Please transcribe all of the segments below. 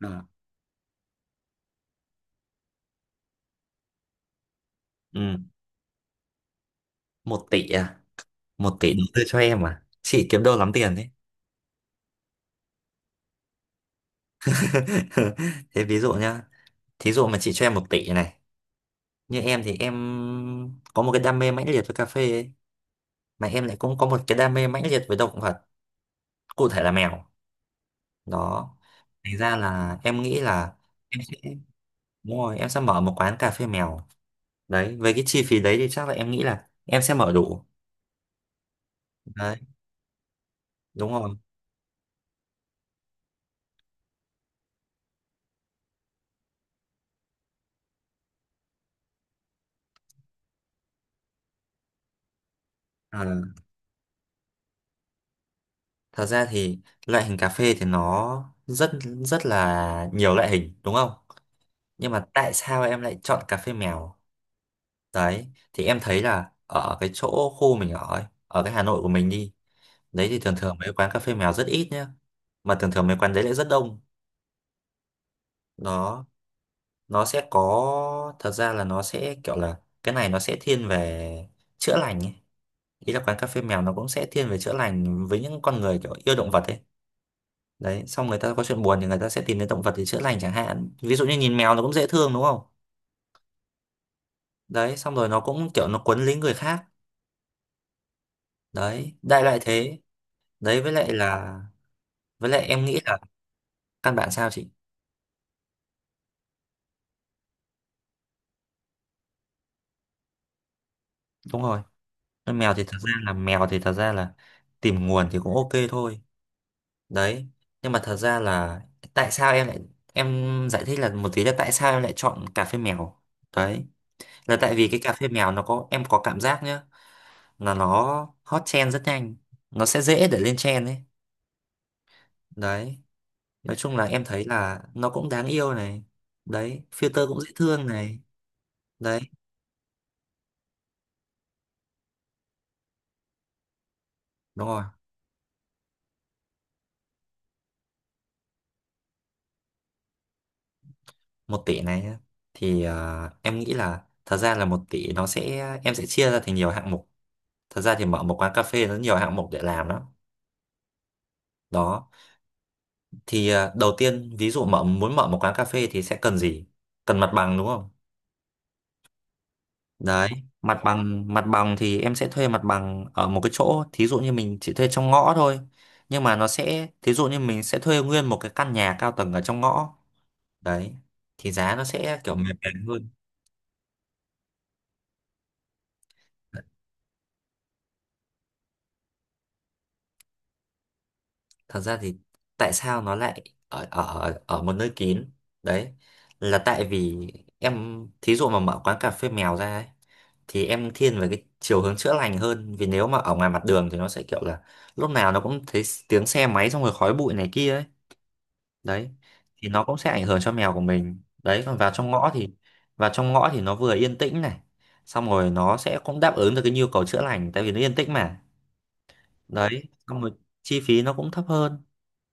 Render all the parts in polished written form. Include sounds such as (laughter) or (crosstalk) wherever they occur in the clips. Ờ. Ừ. Một tỷ à? Một tỷ đầu tư cho em à? Chị kiếm đâu lắm tiền đấy. (laughs) Thế ví dụ nhá. Thí dụ mà chị cho em một tỷ này. Như em thì em có một cái đam mê mãnh liệt với cà phê ấy. Mà em lại cũng có một cái đam mê mãnh liệt với động vật. Cụ thể là mèo. Đó. Thành ra là em nghĩ là em sẽ đúng rồi, em sẽ mở một quán cà phê mèo. Đấy, với cái chi phí đấy thì chắc là em nghĩ là em sẽ mở đủ. Đấy, đúng rồi. Ờ. Thật ra thì loại hình cà phê thì nó rất rất là nhiều loại hình đúng không? Nhưng mà tại sao em lại chọn cà phê mèo? Đấy, thì em thấy là ở cái chỗ khu mình ở ấy, ở cái Hà Nội của mình đi, đấy thì thường thường mấy quán cà phê mèo rất ít nhá. Mà thường thường mấy quán đấy lại rất đông. Đó, nó sẽ có thật ra là nó sẽ kiểu là cái này nó sẽ thiên về chữa lành ấy. Ý là quán cà phê mèo nó cũng sẽ thiên về chữa lành với những con người kiểu yêu động vật ấy. Đấy, xong người ta có chuyện buồn thì người ta sẽ tìm đến động vật để chữa lành chẳng hạn, ví dụ như nhìn mèo nó cũng dễ thương đúng không? Đấy, xong rồi nó cũng kiểu nó quấn lấy người khác. Đấy, đại loại thế. Đấy, với lại là với lại em nghĩ là căn bản, sao chị? Đúng rồi, con mèo thì thật ra là mèo thì thật ra là tìm nguồn thì cũng ok thôi. Đấy, nhưng mà thật ra là tại sao em lại em giải thích là một tí là tại sao em lại chọn cà phê mèo. Đấy, là tại vì cái cà phê mèo nó có, em có cảm giác nhá là nó hot trend rất nhanh. Nó sẽ dễ để lên trend ấy. Đấy, nói chung là em thấy là nó cũng đáng yêu này. Đấy, filter cũng dễ thương này. Đấy, đúng rồi. Một tỷ này nhá. Thì em nghĩ là thật ra là một tỷ nó sẽ, em sẽ chia ra thành nhiều hạng mục. Thật ra thì mở một quán cà phê nó nhiều hạng mục để làm lắm. Đó, thì đầu tiên, ví dụ muốn mở một quán cà phê thì sẽ cần gì? Cần mặt bằng đúng không? Đấy, mặt bằng, mặt bằng thì em sẽ thuê mặt bằng ở một cái chỗ thí dụ như mình chỉ thuê trong ngõ thôi, nhưng mà nó sẽ thí dụ như mình sẽ thuê nguyên một cái căn nhà cao tầng ở trong ngõ. Đấy, thì giá nó sẽ kiểu mềm mềm hơn. Thật ra thì tại sao nó lại ở ở ở một nơi kín? Đấy, là tại vì em thí dụ mà mở quán cà phê mèo ra ấy, thì em thiên về cái chiều hướng chữa lành hơn, vì nếu mà ở ngoài mặt đường thì nó sẽ kiểu là lúc nào nó cũng thấy tiếng xe máy xong rồi khói bụi này kia ấy. Đấy, thì nó cũng sẽ ảnh hưởng cho mèo của mình đấy. Còn vào trong ngõ thì nó vừa yên tĩnh này, xong rồi nó sẽ cũng đáp ứng được cái nhu cầu chữa lành tại vì nó yên tĩnh mà. Đấy, xong rồi chi phí nó cũng thấp hơn.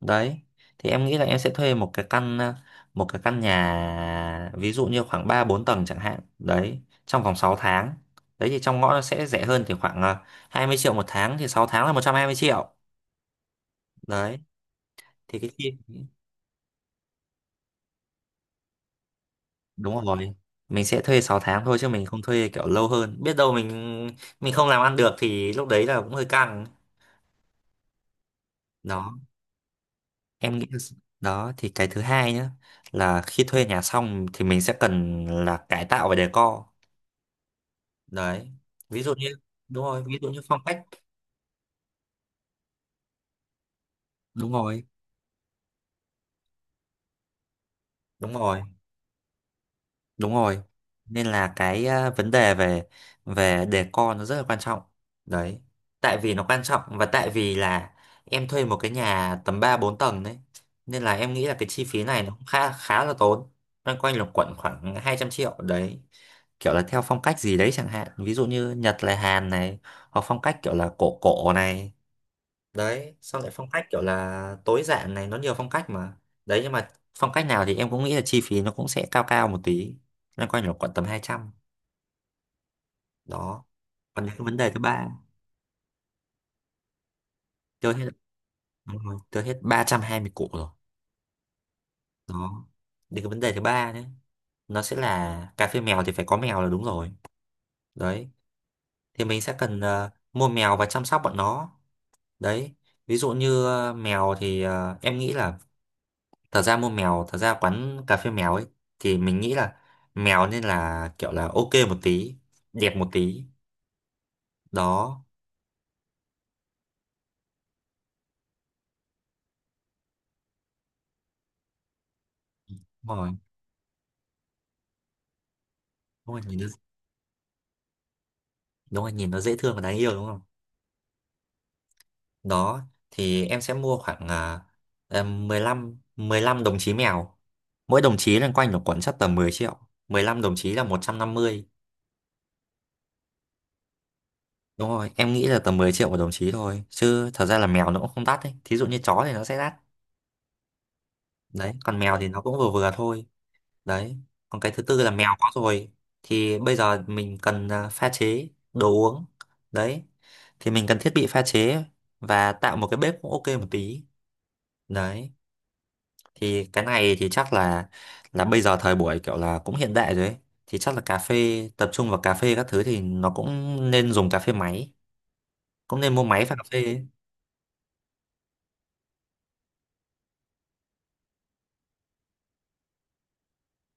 Đấy, thì em nghĩ là em sẽ thuê một cái căn một cái căn nhà ví dụ như khoảng 3 4 tầng chẳng hạn đấy trong vòng 6 tháng. Đấy, thì trong ngõ nó sẽ rẻ hơn thì khoảng 20 triệu một tháng thì 6 tháng là 120 triệu. Đấy, thì cái chi, đúng rồi, mình sẽ thuê 6 tháng thôi chứ mình không thuê kiểu lâu hơn, biết đâu mình không làm ăn được thì lúc đấy là cũng hơi căng. Đó, em nghĩ là đó thì cái thứ hai nhá là khi thuê nhà xong thì mình sẽ cần là cải tạo và decor. Đấy, ví dụ như, đúng rồi, ví dụ như phong cách. Đúng rồi. Đúng rồi. Đúng rồi. Nên là cái vấn đề về về decor nó rất là quan trọng. Đấy, tại vì nó quan trọng và tại vì là em thuê một cái nhà tầm 3 4 tầng đấy, nên là em nghĩ là cái chi phí này nó cũng khá khá là tốn, loanh quanh là quẩn khoảng 200 triệu đấy, kiểu là theo phong cách gì đấy chẳng hạn, ví dụ như Nhật là Hàn này, hoặc phong cách kiểu là cổ cổ này. Đấy, xong lại phong cách kiểu là tối giản này, nó nhiều phong cách mà. Đấy, nhưng mà phong cách nào thì em cũng nghĩ là chi phí nó cũng sẽ cao cao một tí, loanh quanh là khoảng tầm 200. Đó, còn đến cái vấn đề thứ ba. Tiêu hết, đúng rồi, tiêu hết 320 củ rồi. Đó, đến cái vấn đề thứ ba đấy, nó sẽ là cà phê mèo thì phải có mèo là đúng rồi. Đấy, thì mình sẽ cần mua mèo và chăm sóc bọn nó. Đấy, ví dụ như mèo thì em nghĩ là, thật ra mua mèo, thật ra quán cà phê mèo ấy, thì mình nghĩ là mèo nên là kiểu là ok một tí, đẹp một tí. Đó. Đúng rồi. Đúng rồi, nhìn nó, đúng rồi nhìn nó dễ thương và đáng yêu đúng không? Đó, thì em sẽ mua khoảng em 15 đồng chí mèo, mỗi đồng chí loanh quanh là khoảng chắc tầm 10 triệu, 15 đồng chí là 150. Đúng rồi, em nghĩ là tầm 10 triệu một đồng chí thôi chứ thật ra là mèo nó cũng không đắt đấy, thí dụ như chó thì nó sẽ đắt. Đấy, còn mèo thì nó cũng vừa vừa thôi. Đấy, còn cái thứ tư là mèo có rồi thì bây giờ mình cần pha chế đồ uống. Đấy, thì mình cần thiết bị pha chế và tạo một cái bếp cũng ok một tí. Đấy, thì cái này thì chắc là bây giờ thời buổi kiểu là cũng hiện đại rồi ấy, thì chắc là cà phê tập trung vào cà phê các thứ thì nó cũng nên dùng cà phê máy, cũng nên mua máy pha cà phê ấy.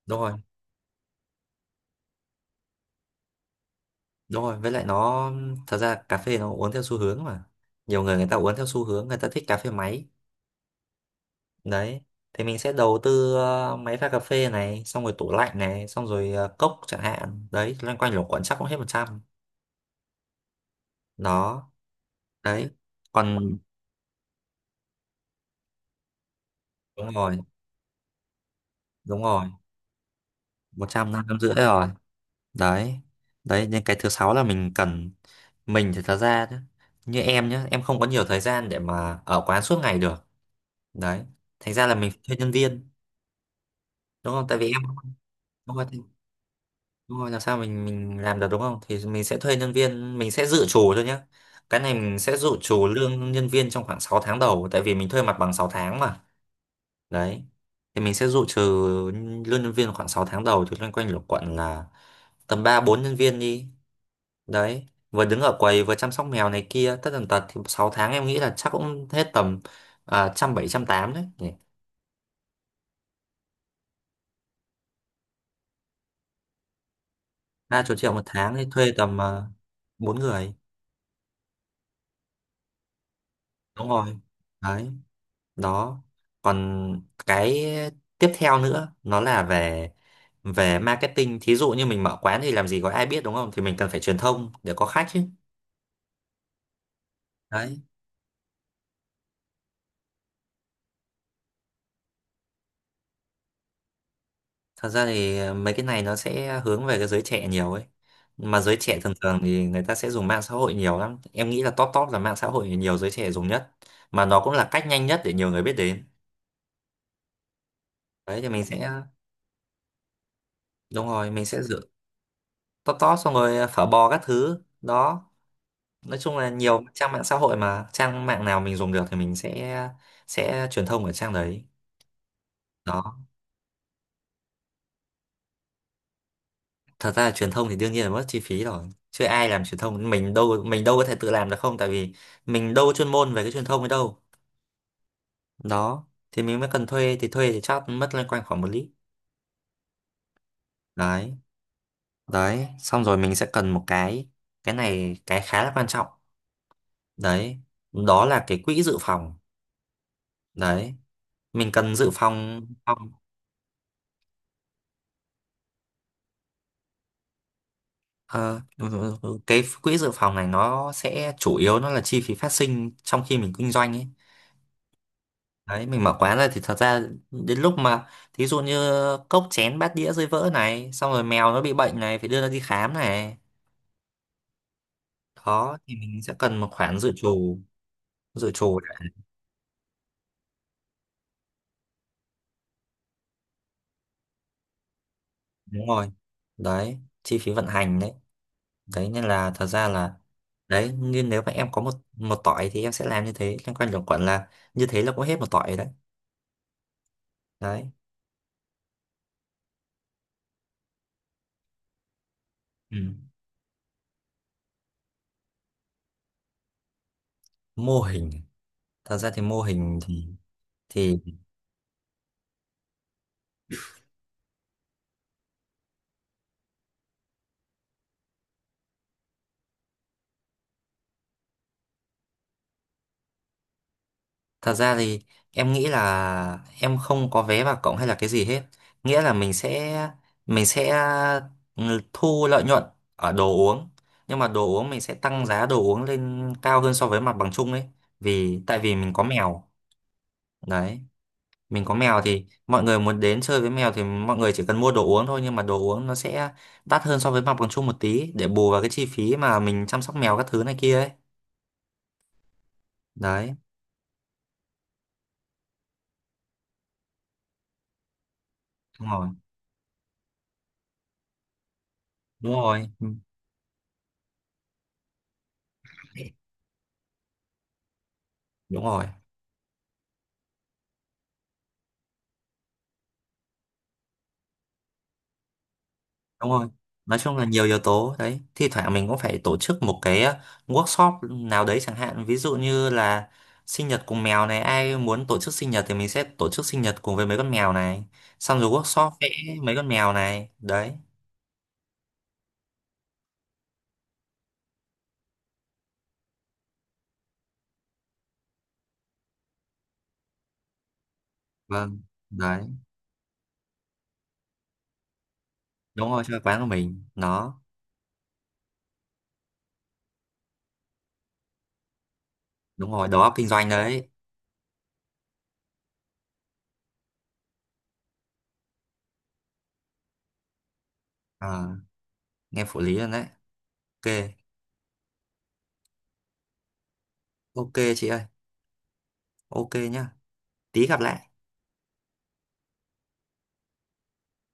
Đúng rồi. Đúng rồi, với lại nó, thật ra cà phê nó uống theo xu hướng mà, nhiều người, người ta uống theo xu hướng người ta thích cà phê máy. Đấy, thì mình sẽ đầu tư máy pha cà phê này, xong rồi tủ lạnh này, xong rồi cốc chẳng hạn đấy, loanh quanh luẩn quẩn chắc cũng hết một trăm. Đó. Đấy. Còn, đúng rồi, đúng rồi. Một trăm năm rưỡi rồi. Đấy, đấy nên cái thứ sáu là mình cần. Mình thì thật ra nhá, như em nhá em không có nhiều thời gian để mà ở quán suốt ngày được. Đấy, thành ra là mình phải thuê nhân viên, đúng không? Tại vì em, đúng rồi, đúng rồi, làm sao mình làm được đúng không? Thì mình sẽ thuê nhân viên, mình sẽ dự trù thôi nhé. Cái này mình sẽ dự trù lương nhân viên trong khoảng 6 tháng đầu tại vì mình thuê mặt bằng 6 tháng mà. Đấy, thì mình sẽ dự trù lương nhân viên khoảng 6 tháng đầu thì loanh quanh lục quận là tầm 3 4 nhân viên đi. Đấy, vừa đứng ở quầy vừa chăm sóc mèo này kia tất tần tật thì 6 tháng em nghĩ là chắc cũng hết tầm trăm bảy trăm tám đấy nhỉ. 30 triệu một tháng thì thuê tầm uh, 4 người. Đúng rồi. Đấy. Đó, còn cái tiếp theo nữa nó là về về marketing, thí dụ như mình mở quán thì làm gì có ai biết đúng không? Thì mình cần phải truyền thông để có khách chứ. Đấy, thật ra thì mấy cái này nó sẽ hướng về cái giới trẻ nhiều ấy, mà giới trẻ thường thường thì người ta sẽ dùng mạng xã hội nhiều lắm, em nghĩ là top top là mạng xã hội nhiều giới trẻ dùng nhất, mà nó cũng là cách nhanh nhất để nhiều người biết đến. Đấy, thì mình sẽ, đúng rồi, mình sẽ giữ top top xong rồi phở bò các thứ. Đó, nói chung là nhiều trang mạng xã hội, mà trang mạng nào mình dùng được thì mình sẽ truyền thông ở trang đấy. Đó, thật ra là truyền thông thì đương nhiên là mất chi phí rồi chứ, ai làm truyền thông, mình đâu có thể tự làm được không, tại vì mình đâu có chuyên môn về cái truyền thông ấy đâu. Đó, thì mình mới cần thuê, thì thuê thì chắc mất loanh quanh khoảng một lít. Đấy. Đấy, xong rồi mình sẽ cần một cái này cái khá là quan trọng đấy, đó là cái quỹ dự phòng. Đấy, mình cần dự phòng. Ờ, đúng rồi, đúng rồi. Cái quỹ dự phòng này nó sẽ chủ yếu nó là chi phí phát sinh trong khi mình kinh doanh ấy. Đấy, mình mở quán ra thì thật ra đến lúc mà thí dụ như cốc chén bát đĩa rơi vỡ này, xong rồi mèo nó bị bệnh này, phải đưa nó đi khám này. Đó, thì mình sẽ cần một khoản dự trù đã. Đúng rồi. Đấy, chi phí vận hành đấy. Đấy nên là thật ra là, đấy, nhưng nếu mà em có một một tỏi thì em sẽ làm như thế, liên quan đến quản là như thế là cũng hết một tỏi rồi đấy. Đấy. Ừ. Mô hình, thật ra thì mô hình thì thật ra thì em nghĩ là em không có vé vào cộng hay là cái gì hết, nghĩa là mình sẽ ừ, thu lợi nhuận ở đồ uống, nhưng mà đồ uống mình sẽ tăng giá đồ uống lên cao hơn so với mặt bằng chung ấy, vì tại vì mình có mèo. Đấy, mình có mèo thì mọi người muốn đến chơi với mèo thì mọi người chỉ cần mua đồ uống thôi, nhưng mà đồ uống nó sẽ đắt hơn so với mặt bằng chung một tí để bù vào cái chi phí mà mình chăm sóc mèo các thứ này kia ấy. Đấy. Đúng rồi. Đúng rồi. Ừ. Đúng rồi. Đúng rồi, nói chung là nhiều yếu tố đấy, thi thoảng mình cũng phải tổ chức một cái workshop nào đấy chẳng hạn, ví dụ như là sinh nhật cùng mèo này, ai muốn tổ chức sinh nhật thì mình sẽ tổ chức sinh nhật cùng với mấy con mèo này, xong rồi workshop vẽ mấy con mèo này. Đấy. Vâng. Đấy, đúng rồi, cho quán của mình nó. Đúng rồi, đầu óc kinh doanh đấy. Ờ, nghe phụ lý rồi đấy. Ok. Ok chị ơi. Ok nhá. Tí gặp lại.